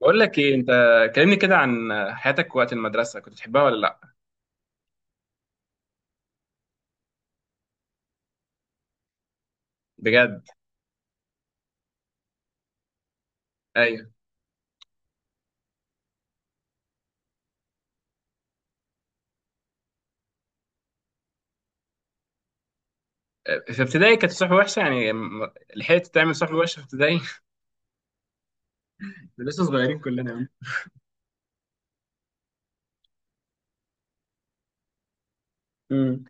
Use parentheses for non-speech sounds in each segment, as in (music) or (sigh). بقول لك ايه، انت كلمني كده عن حياتك وقت المدرسه. كنت بتحبها ولا لا؟ بجد. ايوه. في ابتدائي كانت صحبه وحشه، يعني لحقت تعمل صحبه وحشه في ابتدائي؟ (laughs) لسه صغيرين كلنا. امم.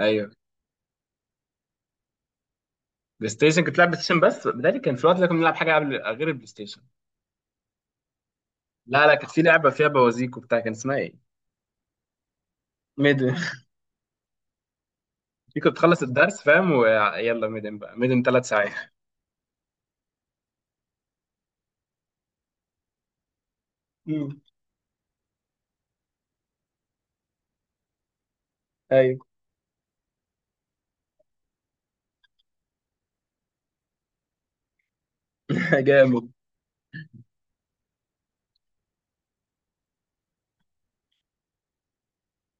ايوه. بلاي ستيشن كنت بتلعب بلاي ستيشن؟ بس بدالي كان في وقت ده كنا بنلعب حاجه قبل غير البلاي ستيشن. لا لا، كانت في لعبه فيها بوازيك وبتاع، كان اسمها ايه؟ ميدن. (laughs) دي كنت بتخلص الدرس فاهم، ويلا ميدن بقى، ميدن 3 ساعات. امم. ايوه. (laughs) جامد.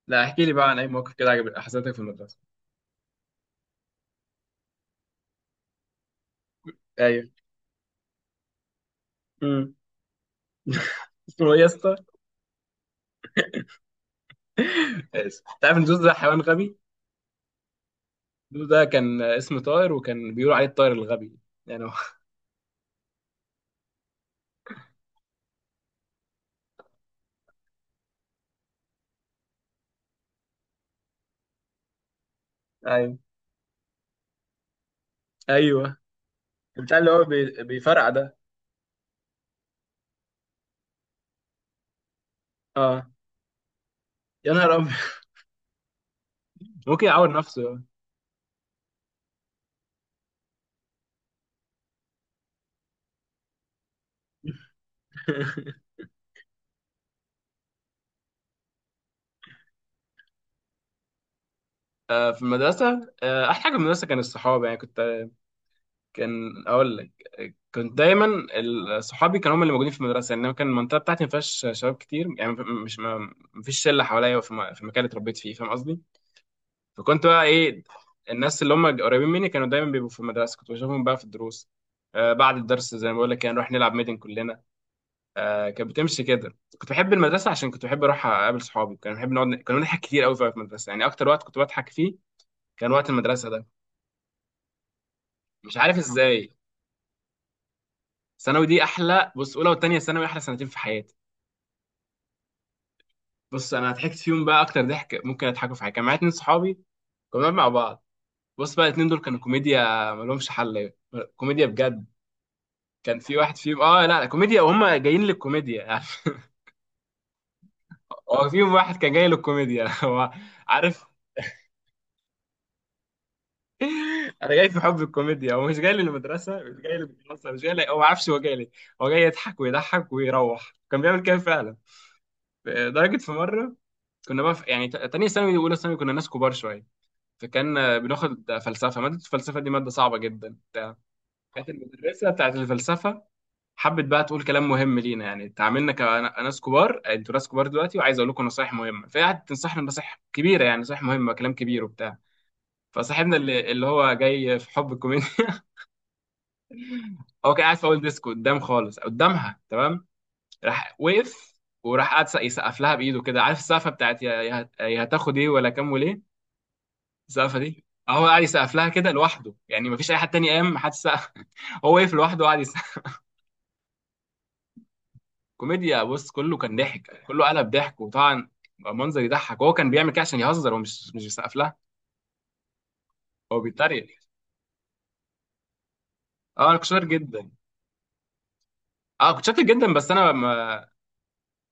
لا، احكي لي بقى عن اي موقف كده عجب حصلتك في المدرسه. ايوه. امم. اسمه ايه يا اسطى؟ آسف. انت عارف ان زوز ده حيوان غبي. زوز ده كان اسم طائر، وكان بيقولوا عليه الطائر الغبي. يعني هو. (laughs) ايوه، ايوه. بتاع اللي هو بيفرقع ده. اه. يا نهار ابيض. ممكن يعور نفسه، آه. (laughs) في المدرسه احلى حاجه في المدرسه كان الصحاب، يعني كنت... كان اقول لك، كنت دايما... صحابي كانوا هم اللي موجودين في المدرسه. يعني أنا كان المنطقه بتاعتي ما فيهاش شباب كتير يعني. مش ما ما فيش شله حواليا في في المكان اللي اتربيت فيه، فاهم قصدي. فكنت بقى ايه. الناس اللي هم قريبين مني كانوا دايما بيبقوا في المدرسه، كنت بشوفهم بقى في الدروس. بعد الدرس زي ما بقول لك كان نروح نلعب ميدن كلنا. كانت بتمشي كده، كنت بحب المدرسه عشان كنت بحب اروح اقابل صحابي، كان بحب نقعد، كنا بنضحك كتير قوي في المدرسه، يعني اكتر وقت كنت بضحك فيه كان وقت المدرسه ده. مش عارف ازاي. ثانوي دي احلى. بص، اولى وثانيه ثانوي احلى سنتين في حياتي. بص انا ضحكت فيهم بقى اكتر ضحك ممكن اضحكوا في حياتي. كان معايا اتنين صحابي، كنا بنقعد مع بعض. بص بقى، الاتنين دول كانوا كوميديا ملهمش حل. كوميديا بجد. كان في واحد فيهم لا لا، كوميديا وهم جايين للكوميديا يعني. (laughs) هو فيهم واحد كان جاي للكوميديا. (laughs) هو عارف. (laughs) انا جاي في حب الكوميديا، هو مش جاي للمدرسه، مش جاي للمدرسه، مش جاي لي... هو ما عارفش هو جاي ليه. هو جاي يضحك ويضحك ويروح، كان بيعمل كده فعلا. لدرجه في مره كنا بقى في... يعني تانية ثانوي واولى ثانوي كنا ناس كبار شويه. فكان بناخد فلسفه، ماده الفلسفه دي ماده صعبه جدا بتاع. كانت المدرسه بتاعت الفلسفه حبت بقى تقول كلام مهم لينا، يعني تعاملنا كناس كبار: انتوا ناس كبار دلوقتي، وعايز اقول لكم نصايح مهمه. فهي قعدت تنصحنا نصايح كبيره، يعني نصايح مهمه، كلام كبير وبتاع. فصاحبنا اللي هو جاي في حب الكوميديا. (laughs) هو كان قاعد في اول ديسك قدام خالص قدامها، تمام. راح وقف وراح قعد يسقف لها بايده كده، عارف السقفه بتاعت يا يا يا هتاخد ايه ولا كام وليه. السقفه دي هو قاعد يسقف لها كده لوحده، يعني مفيش اي حد تاني، قام محدش سقف. (laughs) هو وقف لوحده وقعد يسقف. كوميديا، بص كله كان ضحك، كله قلب ضحك وطبعا. منظر يضحك، هو كان بيعمل كده عشان يهزر، هو مش بيسقف لها. هو بيتريق. اه، انا كنت شاطر جدا. اه كنت شاطر جدا، بس انا ما...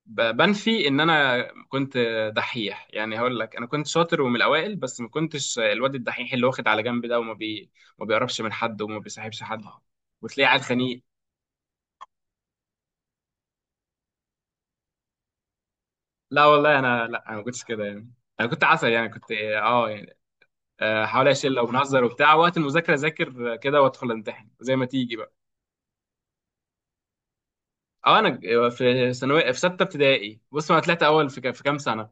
بنفي ان انا كنت... دحيح، يعني هقول لك انا كنت شاطر ومن الاوائل، بس ما كنتش الواد الدحيح اللي واخد على جنب ده، وما بي... ما بيقربش من حد وما بيصاحبش حد، وتلاقيه قاعد خنيق. لا والله انا، لا انا ما كنتش كده يعني. انا كنت عسل يعني، كنت يعني... حوالي اشيل او بنهزر وبتاع، وقت المذاكره اذاكر كده وادخل امتحن زي ما تيجي بقى. اه انا في ثانويه، في سته ابتدائي بص انا طلعت اول في في كام سنه.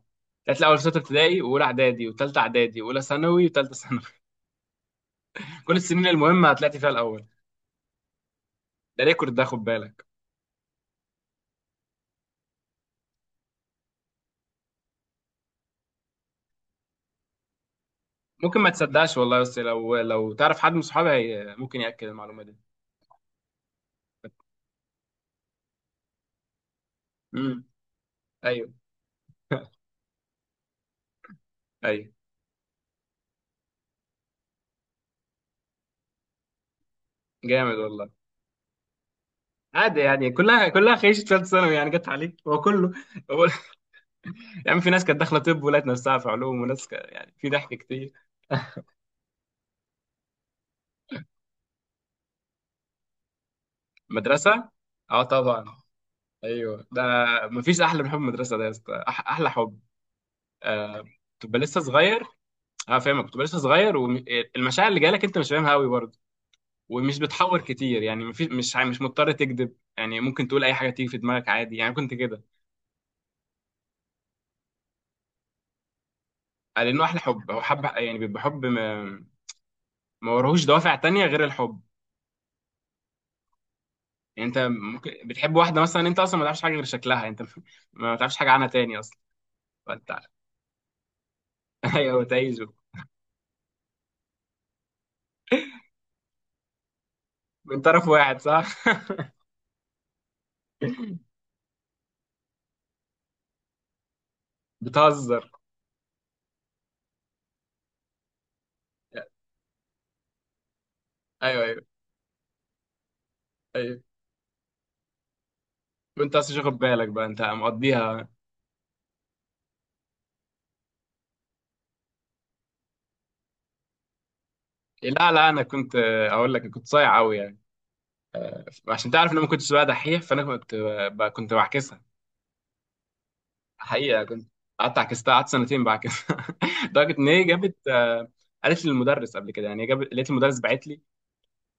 طلعت الاول في سته ابتدائي واولى اعدادي وثالثه اعدادي واولى ثانوي وثالثه ثانوي. (laughs) كل السنين المهمه طلعت فيها الاول. ده ريكورد ده، خد بالك. ممكن ما تصدقش والله، بس لو تعرف حد من صحابي ممكن ياكد المعلومه دي. امم. ايوه. (laughs) ايوه. جامد والله. عادي يعني، كلها خيشت ثالث ثانوي، يعني جت عليك هو كله. هو... يا عم في ناس كانت داخله طب ولقت نفسها في علوم، وناس ك... يعني في ضحك كتير. مدرسه. اه طبعا. ايوه ده. مفيش احلى من حب المدرسه ده يا اسطى، أح... احلى حب. آه... تبقى لسه صغير. اه فاهمك، بتبقى لسه صغير والمشاعر اللي جالك انت مش فاهمها قوي برضه. ومش بتحور كتير يعني، مفيش مش مضطر تكذب، يعني ممكن تقول اي حاجه تيجي في دماغك عادي، يعني كنت كده. لانه احلى حب، هو حب يعني، بيبقى حب ما وراهوش دوافع تانية غير الحب. يعني انت ممكن بتحب واحده مثلا، انت اصلا ما تعرفش حاجه غير شكلها. انت... (laughs) ما تعرفش حاجه عنها تاني اصلا. انت... (laughs) ايوه تعيزه. من طرف واحد، صح. (laughs) بتهزر. ايوه، ايوه، ايوه. وانت اصلا مش واخد بالك بقى، انت مقضيها. لا لا، انا كنت... اقول لك كنت صايع قوي يعني. عشان تعرف ان انا ما كنتش بقى دحيح، فانا كنت... بقى كنت بعكسها. حقيقه كنت... قعدت عكستها، قعدت سنتين بعكسها. (laughs) لدرجه ان هي جابت قالت لي المدرس قبل كده يعني، هي جابت، لقيت المدرس بعت لي.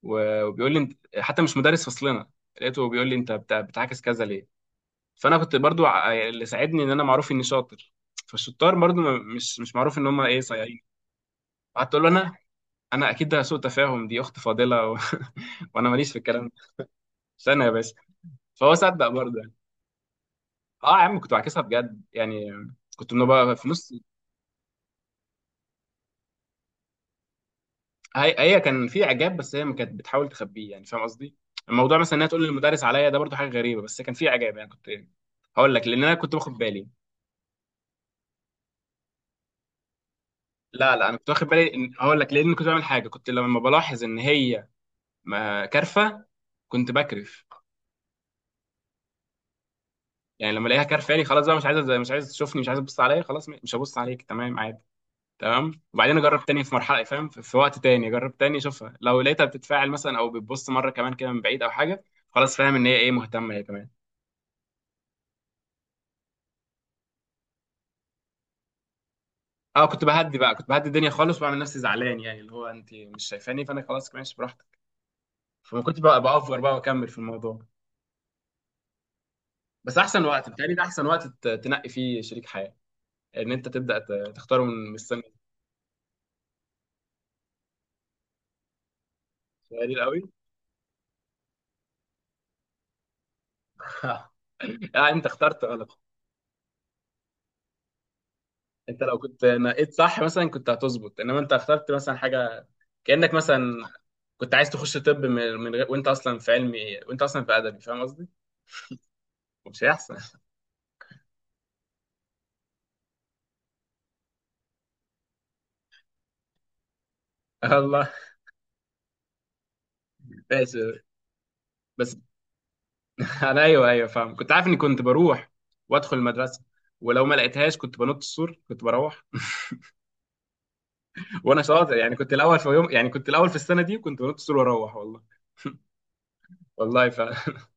وبيقول لي انت حتى مش مدرس فصلنا. لقيته بيقول لي انت بتعاكس كذا ليه؟ فانا كنت برضو يعني اللي ساعدني ان انا معروف اني شاطر. فالشطار برضو مش معروف ان هم ايه صايعين. قعدت اقول له انا، اكيد ده سوء تفاهم، دي اخت فاضله و... (laughs) وانا ماليش في الكلام ده. استنى يا باشا. فهو صدق برضو يعني. اه يا عم، كنت بعكسها بجد يعني. كنت من بقى في نص... هي كان في اعجاب، بس هي ما كانت بتحاول تخبيه يعني فاهم قصدي. الموضوع مثلا انها تقول للمدرس عليا ده برضو حاجه غريبه، بس كان في اعجاب يعني كنت... هقول لك لان انا كنت باخد بالي. لا لا، انا كنت واخد بالي، هقول لك لان كنت بعمل حاجه، كنت لما بلاحظ ان هي كارفه، كنت بكرف. يعني لما الاقيها كرفاني، خلاص بقى مش عايزه، مش عايز تشوفني، مش عايز تبص عليا، خلاص مش هبص عليك، تمام عادي. تمام، وبعدين اجرب تاني في مرحله فاهم، في وقت تاني اجرب تاني اشوفها، لو لقيتها بتتفاعل مثلا او بتبص مره كمان كده من بعيد او حاجه. خلاص فاهم ان هي ايه مهتمه، هي كمان. اه كنت بهدي الدنيا خالص وبعمل نفسي زعلان، يعني اللي هو انت مش شايفاني فانا خلاص ماشي براحتك. فما كنت بقى بأفور بقى واكمل في الموضوع. بس احسن وقت بتهيألي ده احسن وقت تنقي فيه شريك حياه، ان انت تبدا تختاره من السن الصغير قوي. (laughs) لا، انت اخترت غلط. انت لو كنت نقيت صح مثلا كنت هتظبط، انما انت اخترت مثلا حاجه، كانك مثلا كنت عايز تخش طب من غير، وانت اصلا في علمي، وانت اصلا في ادبي، فاهم قصدي؟ مش هيحصل. (laughs) الله. ماشي. بس... (laughs) انا، ايوه ايوه فاهم، كنت عارف اني كنت بروح وادخل المدرسه، ولو ما لقيتهاش كنت بنط السور، كنت بروح. (laughs) وانا شاطر يعني، كنت الاول في يوم يعني، كنت الاول في السنه دي، وكنت بنط السور واروح والله. والله ف (laughs)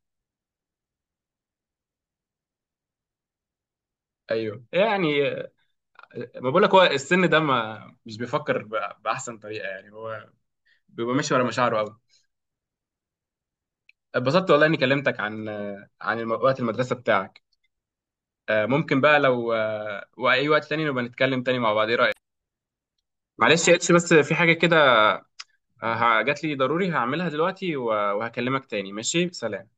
ايوه يعني، ما بقول لك هو السن ده ما، مش بيفكر باحسن طريقه، يعني هو بيبقى ماشي ورا مشاعره قوي. اتبسطت والله اني كلمتك عن وقت المدرسه بتاعك. ممكن بقى لو واي وقت تاني نبقى نتكلم تاني مع بعض، ايه رايك؟ معلش يا اتش، بس في حاجه كده، آه، جات لي ضروري هعملها دلوقتي وهكلمك تاني، ماشي، سلام.